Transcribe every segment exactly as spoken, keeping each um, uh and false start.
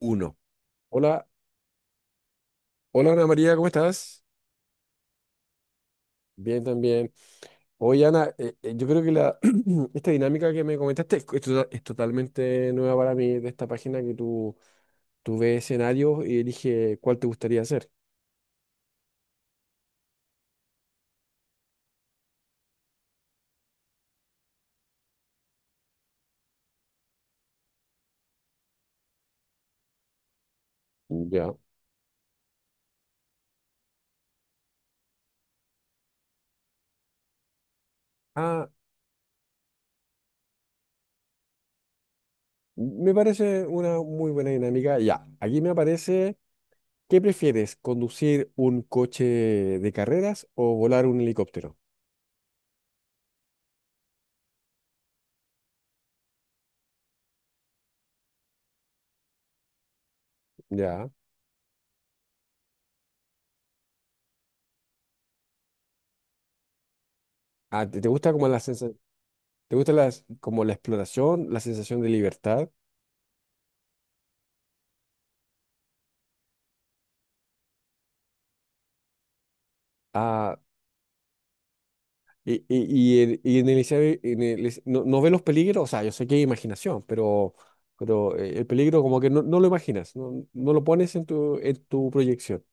Uno. Hola, hola Ana María, ¿cómo estás? Bien, también. Oye Ana, eh, eh, yo creo que la, esta dinámica que me comentaste es, es tota- es totalmente nueva para mí, de esta página que tú, tú ves escenarios y elige cuál te gustaría hacer. Ya. Ah, me parece una muy buena dinámica. Ya, aquí me aparece, ¿qué prefieres? ¿Conducir un coche de carreras o volar un helicóptero? Ya. Ah, ¿te, ¿te gusta como la sensa- ¿Te gusta las, como la exploración, la sensación de libertad? Ah, y, y, y en, y en el iceberg- en el ice- no, no ve los peligros, o sea, yo sé que hay imaginación, pero, pero eh, el peligro como que no, no lo imaginas, no, no lo pones en tu, en tu proyección.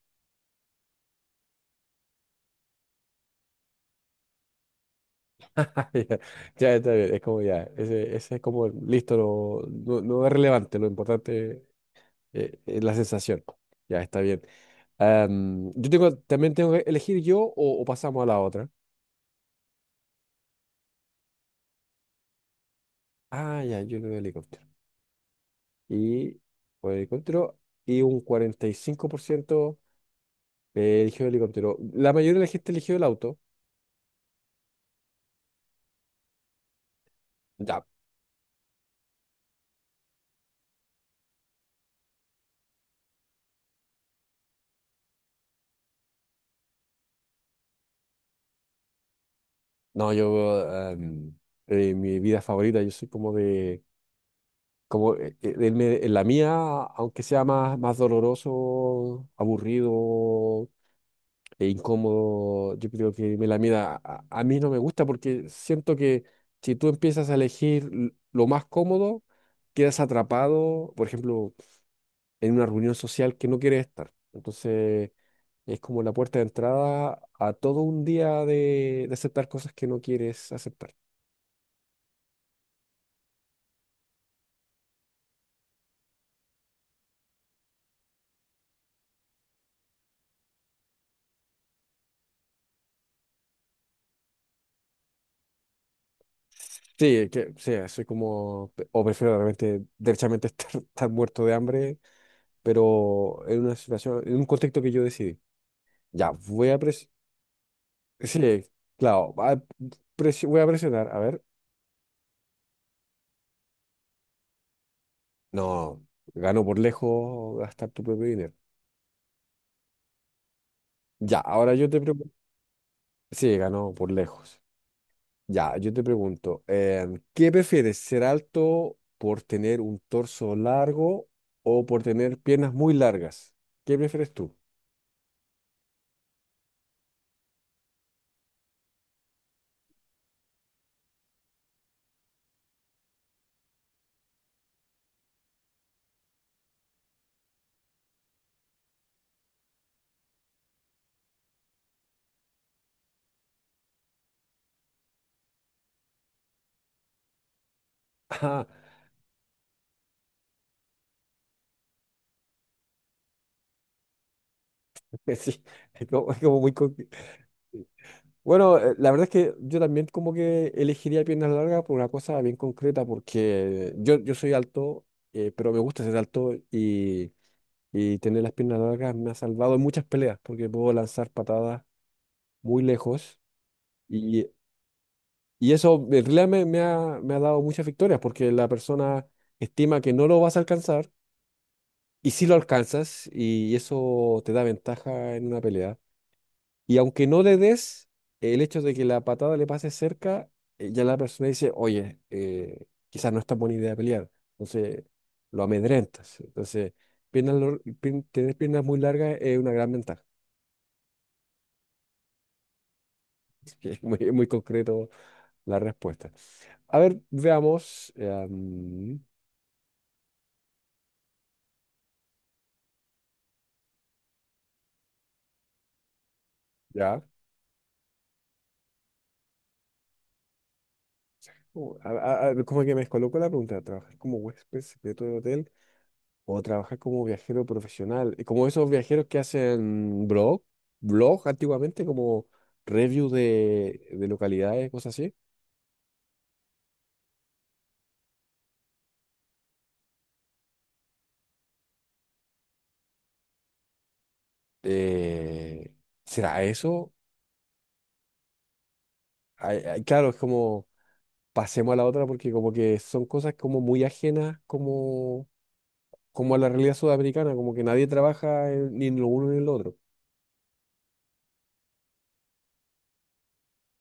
Ah, ya, ya está bien, es como ya, ese, ese es como, listo, lo- no, no es relevante, lo importante eh, es la sensación. Ya está bien. Am, yo tengo, también tengo que elegir yo o, o pasamos a la otra. Ah, ya, yo el helicóptero. Y por helicóptero y un cuarenta y cinco por ciento. Eh, eligió el helicóptero. La mayoría de la gente eligió el auto. Ya. No, yo, em, eh, mi vida favorita, yo soy como de, como eh, eh, del me- en la mía, aunque sea más, más doloroso, aburrido e incómodo, yo creo que me la mía a, a mí no me gusta porque siento que si tú empiezas a elegir l- lo más cómodo, quedas atrapado, por ejemplo, en una reunión social que no quieres estar. Entonces es como la puerta de entrada a todo un día de, de aceptar cosas que no quieres aceptar. Sí, que, sí, soy como, o prefiero realmente, derechamente estar, estar muerto de hambre, pero en una situación, en un contexto que yo decidí. Ya, voy a presionar, sí, claro, va- presi- voy a presionar, a ver, no, ganó por lejos gastar tu propio dinero. Ya, ahora yo te pregunto, sí, ganó por lejos. Ya, yo te pregunto, em, ¿qué prefieres, ser alto por tener un torso largo o por tener piernas muy largas? ¿Qué prefieres tú? Ah, sí, es como, es como muy conc- bueno, eh, la verdad es que yo también como que elegiría piernas largas por una cosa bien concreta, porque yo, yo soy alto, eh, pero me gusta ser alto y, y tener las piernas largas me ha salvado en muchas peleas, porque puedo lanzar patadas muy lejos. Y eso en realidad me, me ha, me ha dado muchas victorias porque la persona estima que no lo vas a alcanzar y sí lo alcanzas y eso te da ventaja en una pelea. Y aunque no le des, el hecho de que la patada le pase cerca, eh, ya la persona dice, oye, eh, quizás no es tan buena idea pelear. Entonces lo amedrentas. Entonces, piernas, lor- pien- tener piernas muy largas es una gran ventaja. Así que es muy, muy concreto la respuesta. A ver, veamos. eh, am, ya. Uh, a- a- a- como que me descolocó la pregunta, ¿trabajar como huésped secreto de hotel o trabajar como viajero profesional? Eh, Como esos viajeros que hacen blog, blog antiguamente, como review de, de localidades, cosas así. Eh, ¿será eso? Ay, ay, claro, es como pasemos a la otra porque como que son cosas como muy ajenas como, como a la realidad sudamericana, como que nadie trabaja en- ni en lo uno ni en lo otro.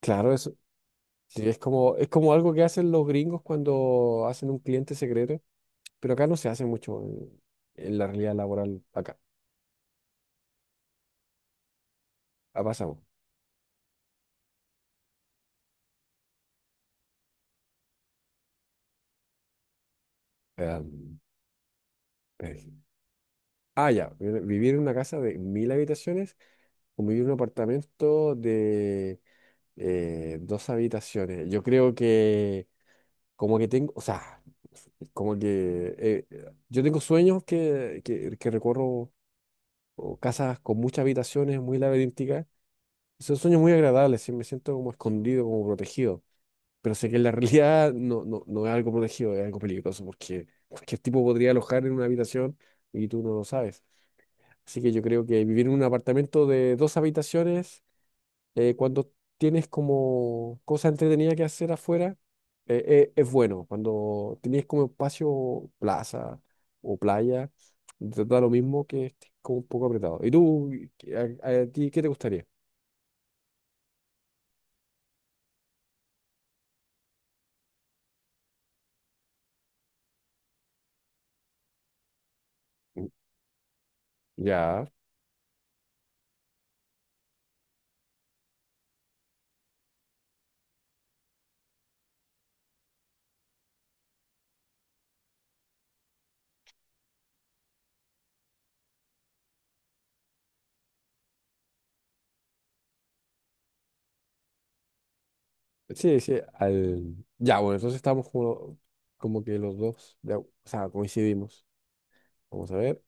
Claro, sí, es como, es como algo que hacen los gringos cuando hacen un cliente secreto, pero acá no se hace mucho en, en la realidad laboral acá. Ha pasado. Em, eh, ah, ya. vi- Vivir en una casa de mil habitaciones o vivir en un apartamento de eh, dos habitaciones. Yo creo que como que tengo, o sea, como que eh, yo tengo sueños que, que, que recorro o casas con muchas habitaciones muy laberínticas. Son sueños muy agradables, sí, me siento como escondido, como protegido. Pero sé que en la realidad no, no, no es algo protegido, es algo peligroso, porque cualquier tipo podría alojar en una habitación y tú no lo sabes. Así que yo creo que vivir en un apartamento de dos habitaciones, eh, cuando tienes como cosas entretenidas que hacer afuera, eh, eh, es bueno. Cuando tienes como espacio, plaza o playa, te da lo mismo que estés como un poco apretado. ¿Y tú, a, a ti, qué te gustaría? Mm, ya. Sí, sí, al... Ya, bueno, entonces estamos como, como que los dos, ya, o sea, coincidimos. Vamos a ver,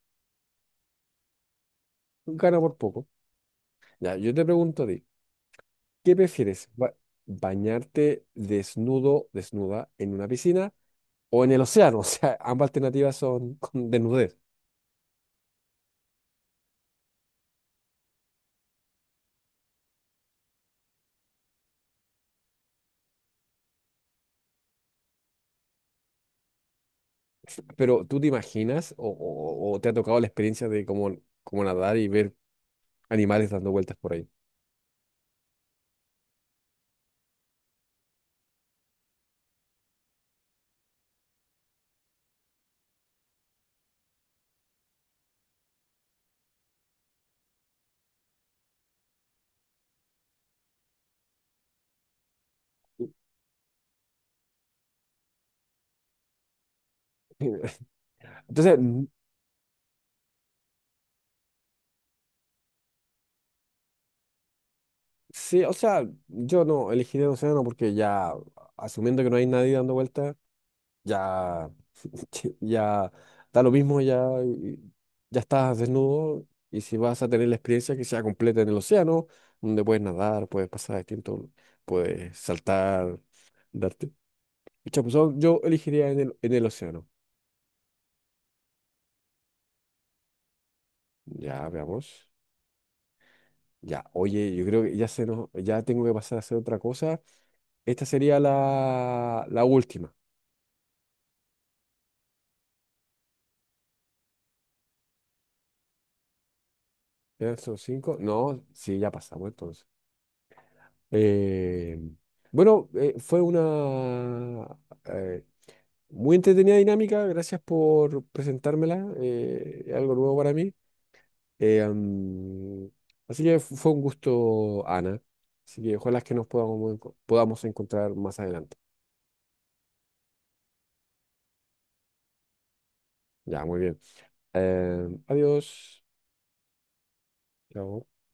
gana por poco. Ya, yo te pregunto a ti, ¿qué prefieres? ba- ¿Bañarte desnudo, desnuda, en una piscina o en el océano? O sea, ambas alternativas son con desnudez. Pero ¿tú te imaginas o, o- o te ha tocado la experiencia de cómo, cómo nadar y ver animales dando vueltas por ahí? Entonces, mm, sí, o sea, yo no elegiría el océano porque ya asumiendo que no hay nadie dando vueltas ya, ya da lo mismo, ya, ya estás desnudo y si vas a tener la experiencia que sea completa en el océano, donde puedes nadar, puedes pasar distinto, puedes saltar, darte. Pucha, pues, yo yo elegiría en el, en el océano. Ya, veamos. Ya, oye, yo creo que ya se nos, ya tengo que pasar a hacer otra cosa. Esta sería la, la última. ¿Ya son cinco? No, sí, ya pasamos entonces. Eh, bueno, eh, fue una eh, muy entretenida dinámica. Gracias por presentármela. Eh, es algo nuevo para mí. Eh, am, así que fu- fue un gusto, Ana. Así que ojalá que nos podamos, enco- podamos encontrar más adelante. Ya, muy bien. Eh, adiós. Chao.